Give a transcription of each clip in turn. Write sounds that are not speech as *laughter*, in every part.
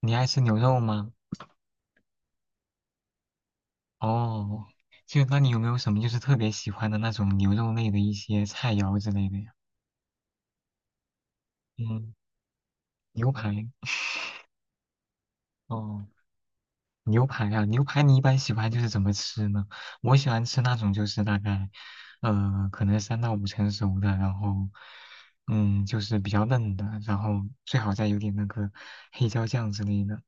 你爱吃牛肉吗？哦，那你有没有什么就是特别喜欢的那种牛肉类的一些菜肴之类的呀？嗯，牛排。哦，牛排啊，牛排你一般喜欢就是怎么吃呢？我喜欢吃那种就是大概，可能三到五成熟的，然后，嗯，就是比较嫩的，然后最好再有点那个黑椒酱之类的。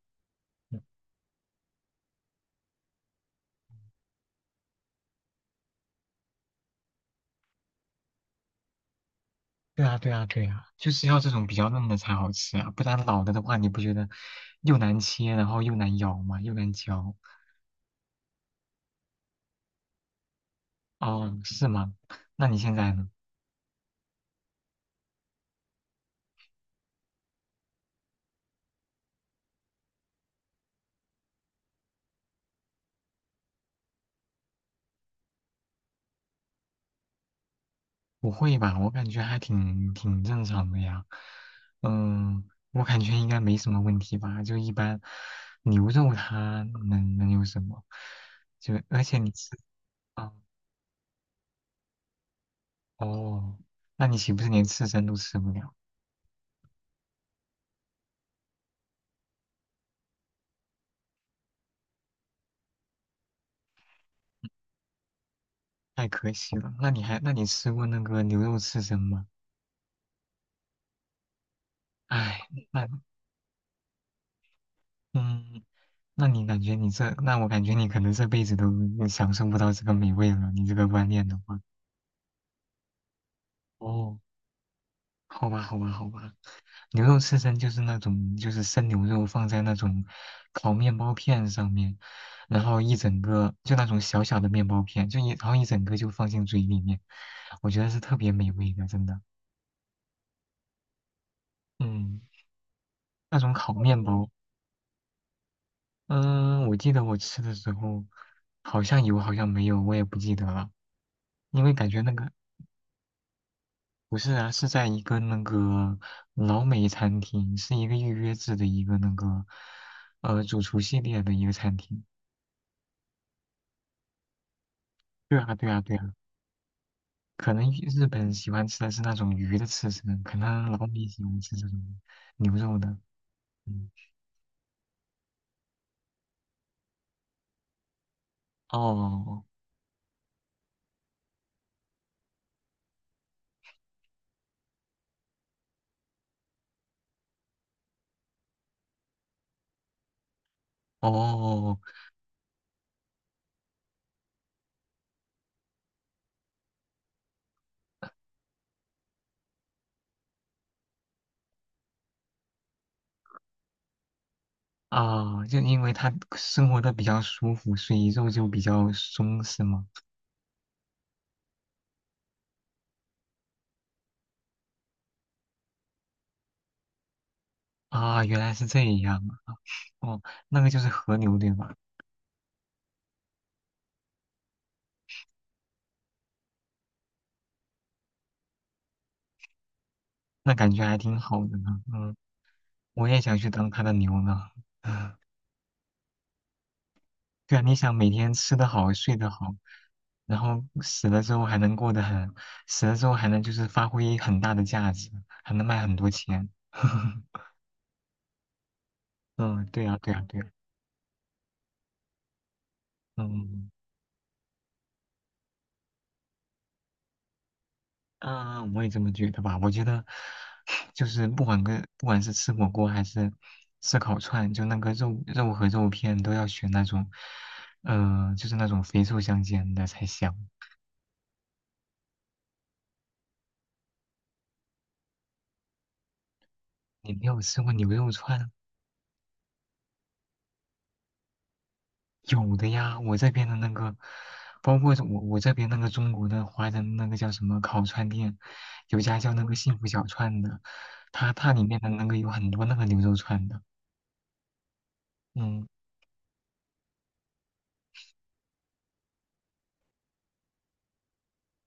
对啊，对啊，对啊，就是要这种比较嫩的才好吃啊，不然老了的话，你不觉得又难切，然后又难咬嘛，又难嚼。哦，是吗？那你现在呢？不会吧？我感觉还挺正常的呀。嗯，我感觉应该没什么问题吧。就一般牛肉它能有什么？就而且你吃啊，哦，那你岂不是连刺身都吃不了？太可惜了。那你吃过那个牛肉刺身吗？唉，那嗯，那我感觉你可能这辈子都享受不到这个美味了。你这个观念的话，哦，好吧，好吧，好吧。牛肉刺身就是那种，就是生牛肉放在那种烤面包片上面，然后一整个就那种小小的面包片，然后一整个就放进嘴里面，我觉得是特别美味的，真的。嗯，那种烤面包，嗯，我记得我吃的时候好像有，好像没有，我也不记得了，因为感觉那个不是啊，是在一个那个老美餐厅，是一个预约制的一个那个主厨系列的一个餐厅。对啊，对啊，对啊，可能日本喜欢吃的是那种鱼的刺身，可能老美喜欢吃这种牛肉的。嗯，哦哦啊，就因为他生活的比较舒服，所以肉就比较松，是吗？啊，原来是这样啊。哦，那个就是和牛，对吧？那感觉还挺好的呢。嗯。我也想去当他的牛呢。*laughs* 对啊，你想每天吃得好，睡得好，然后死了之后还能过得很，死了之后还能就是发挥很大的价值，还能卖很多钱。*laughs* 嗯，对啊，对啊，对啊，嗯啊，我也这么觉得吧。我觉得就是不管是吃火锅还是吃烤串，就那个肉片都要选那种，就是那种肥瘦相间的才香。你没有吃过牛肉串？有的呀，我这边的那个，包括我这边那个中国的华人那个叫什么烤串店，有家叫那个幸福小串的，它里面的那个有很多那个牛肉串的，嗯，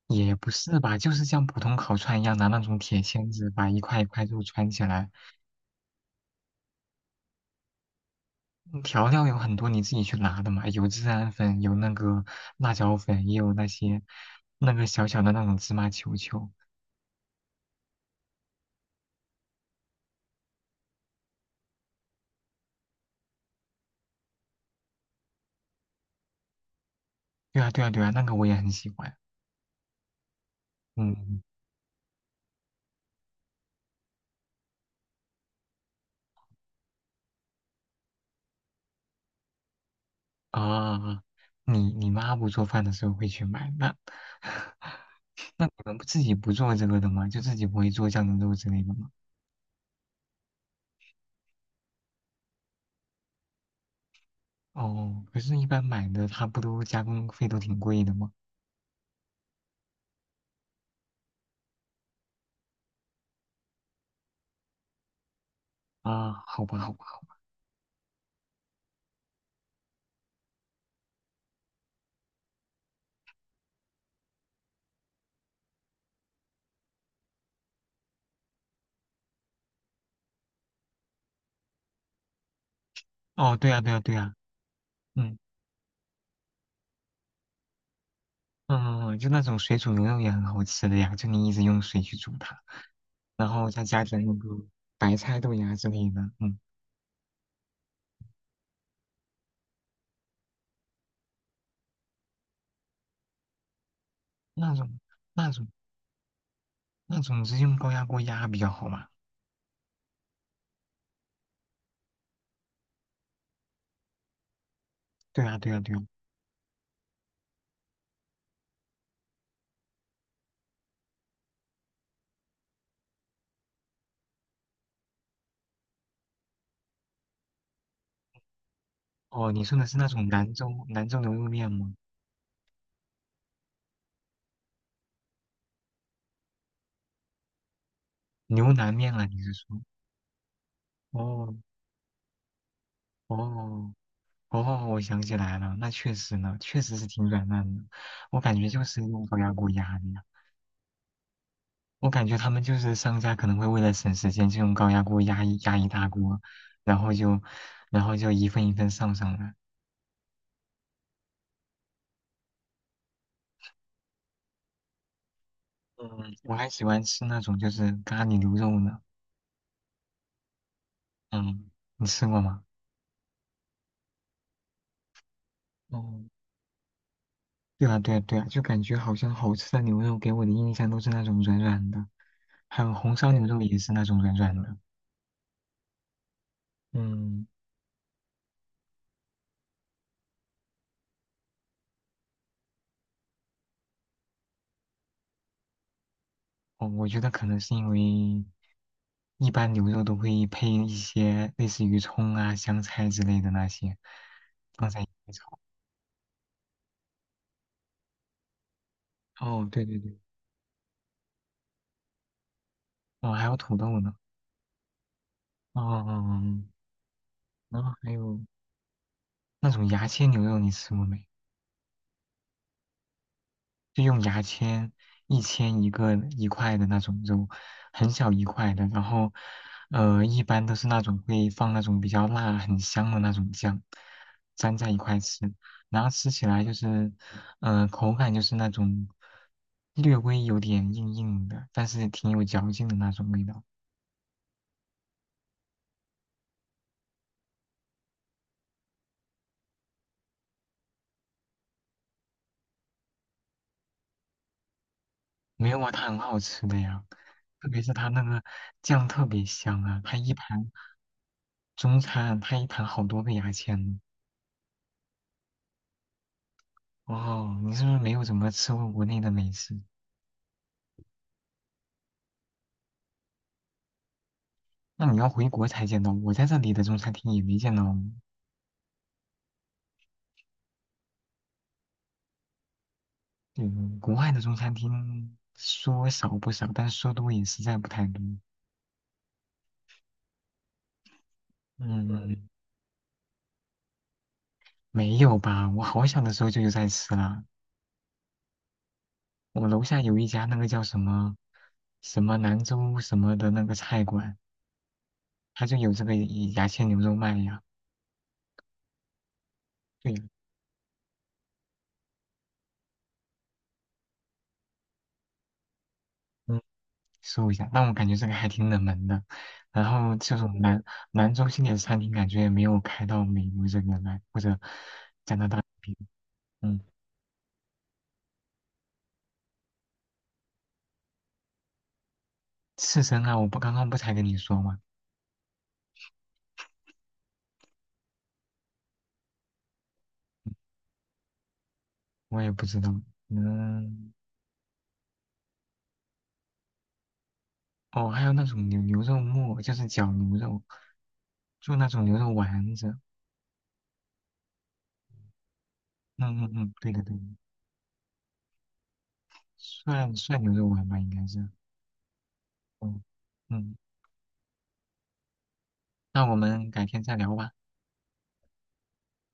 也不是吧，就是像普通烤串一样，拿那种铁签子把一块一块肉串起来，嗯调料有很多你自己去拿的嘛，有孜然粉，有那个辣椒粉，也有那些那个小小的那种芝麻球球，对啊对啊对啊，那个我也很喜欢，嗯。啊，你你妈不做饭的时候会去买，那 *laughs* 那你们不自己不做这个的吗？就自己不会做酱牛肉之类的吗？哦，可是，一般买的它不都加工费都挺贵的吗？啊，好吧，好吧。哦，对啊，对啊，对啊。嗯嗯，嗯就那种水煮牛肉也很好吃的呀，就你一直用水去煮它，然后再加点那个白菜、豆芽之类的。嗯，那种那种那种是用高压锅压比较好嘛？对啊，对啊，对啊。哦，你说的是那种兰州牛肉面吗？牛腩面啊，你是说？哦哦哦，我想起来了，那确实呢，确实是挺软烂的。我感觉就是用高压锅压的呀。我感觉他们就是商家可能会为了省时间，就用高压锅压一大锅，然后就一份一份上来。嗯，我还喜欢吃那种就是咖喱牛肉呢。嗯，你吃过吗？哦，对啊对啊对啊，就感觉好像好吃的牛肉给我的印象都是那种软软的，还有红烧牛肉也是那种软软的。嗯，我觉得可能是因为一般牛肉都会配一些类似于葱啊、香菜之类的那些，放在一起炒。哦，对对对，哦，还有土豆呢。哦，哦哦哦然后还有那种牙签牛肉，你吃过没？就用牙签一签一个一块的那种肉，很小一块的，然后一般都是那种会放那种比较辣很香的那种酱，粘在一块吃，然后吃起来就是口感就是那种略微有点硬硬的，但是挺有嚼劲的那种味道。没有啊，它很好吃的呀，特别是它那个酱特别香啊，它一盘中餐它一盘好多个牙签呢。哦，你是不是没有怎么吃过国内的美食？那你要回国才见到，我在这里的中餐厅也没见到哦。嗯，国外的中餐厅说少不少，但说多也实在不太多。嗯，没有吧？我好小的时候就有在吃了。我楼下有一家那个叫什么什么兰州什么的那个菜馆，它就有这个牙签牛肉卖呀。对呀。搜一下。但我感觉这个还挺冷门的，然后这种南中心点餐厅感觉也没有开到美国这边来，或者加拿大这边嗯，刺身啊，我不刚刚不才跟你说吗？我也不知道。嗯，哦，还有那种牛肉末，就是绞牛肉，做那种牛肉丸子。嗯嗯嗯，对的对的，涮牛肉丸吧，应该是。嗯嗯，那我们改天再聊吧，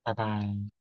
拜拜。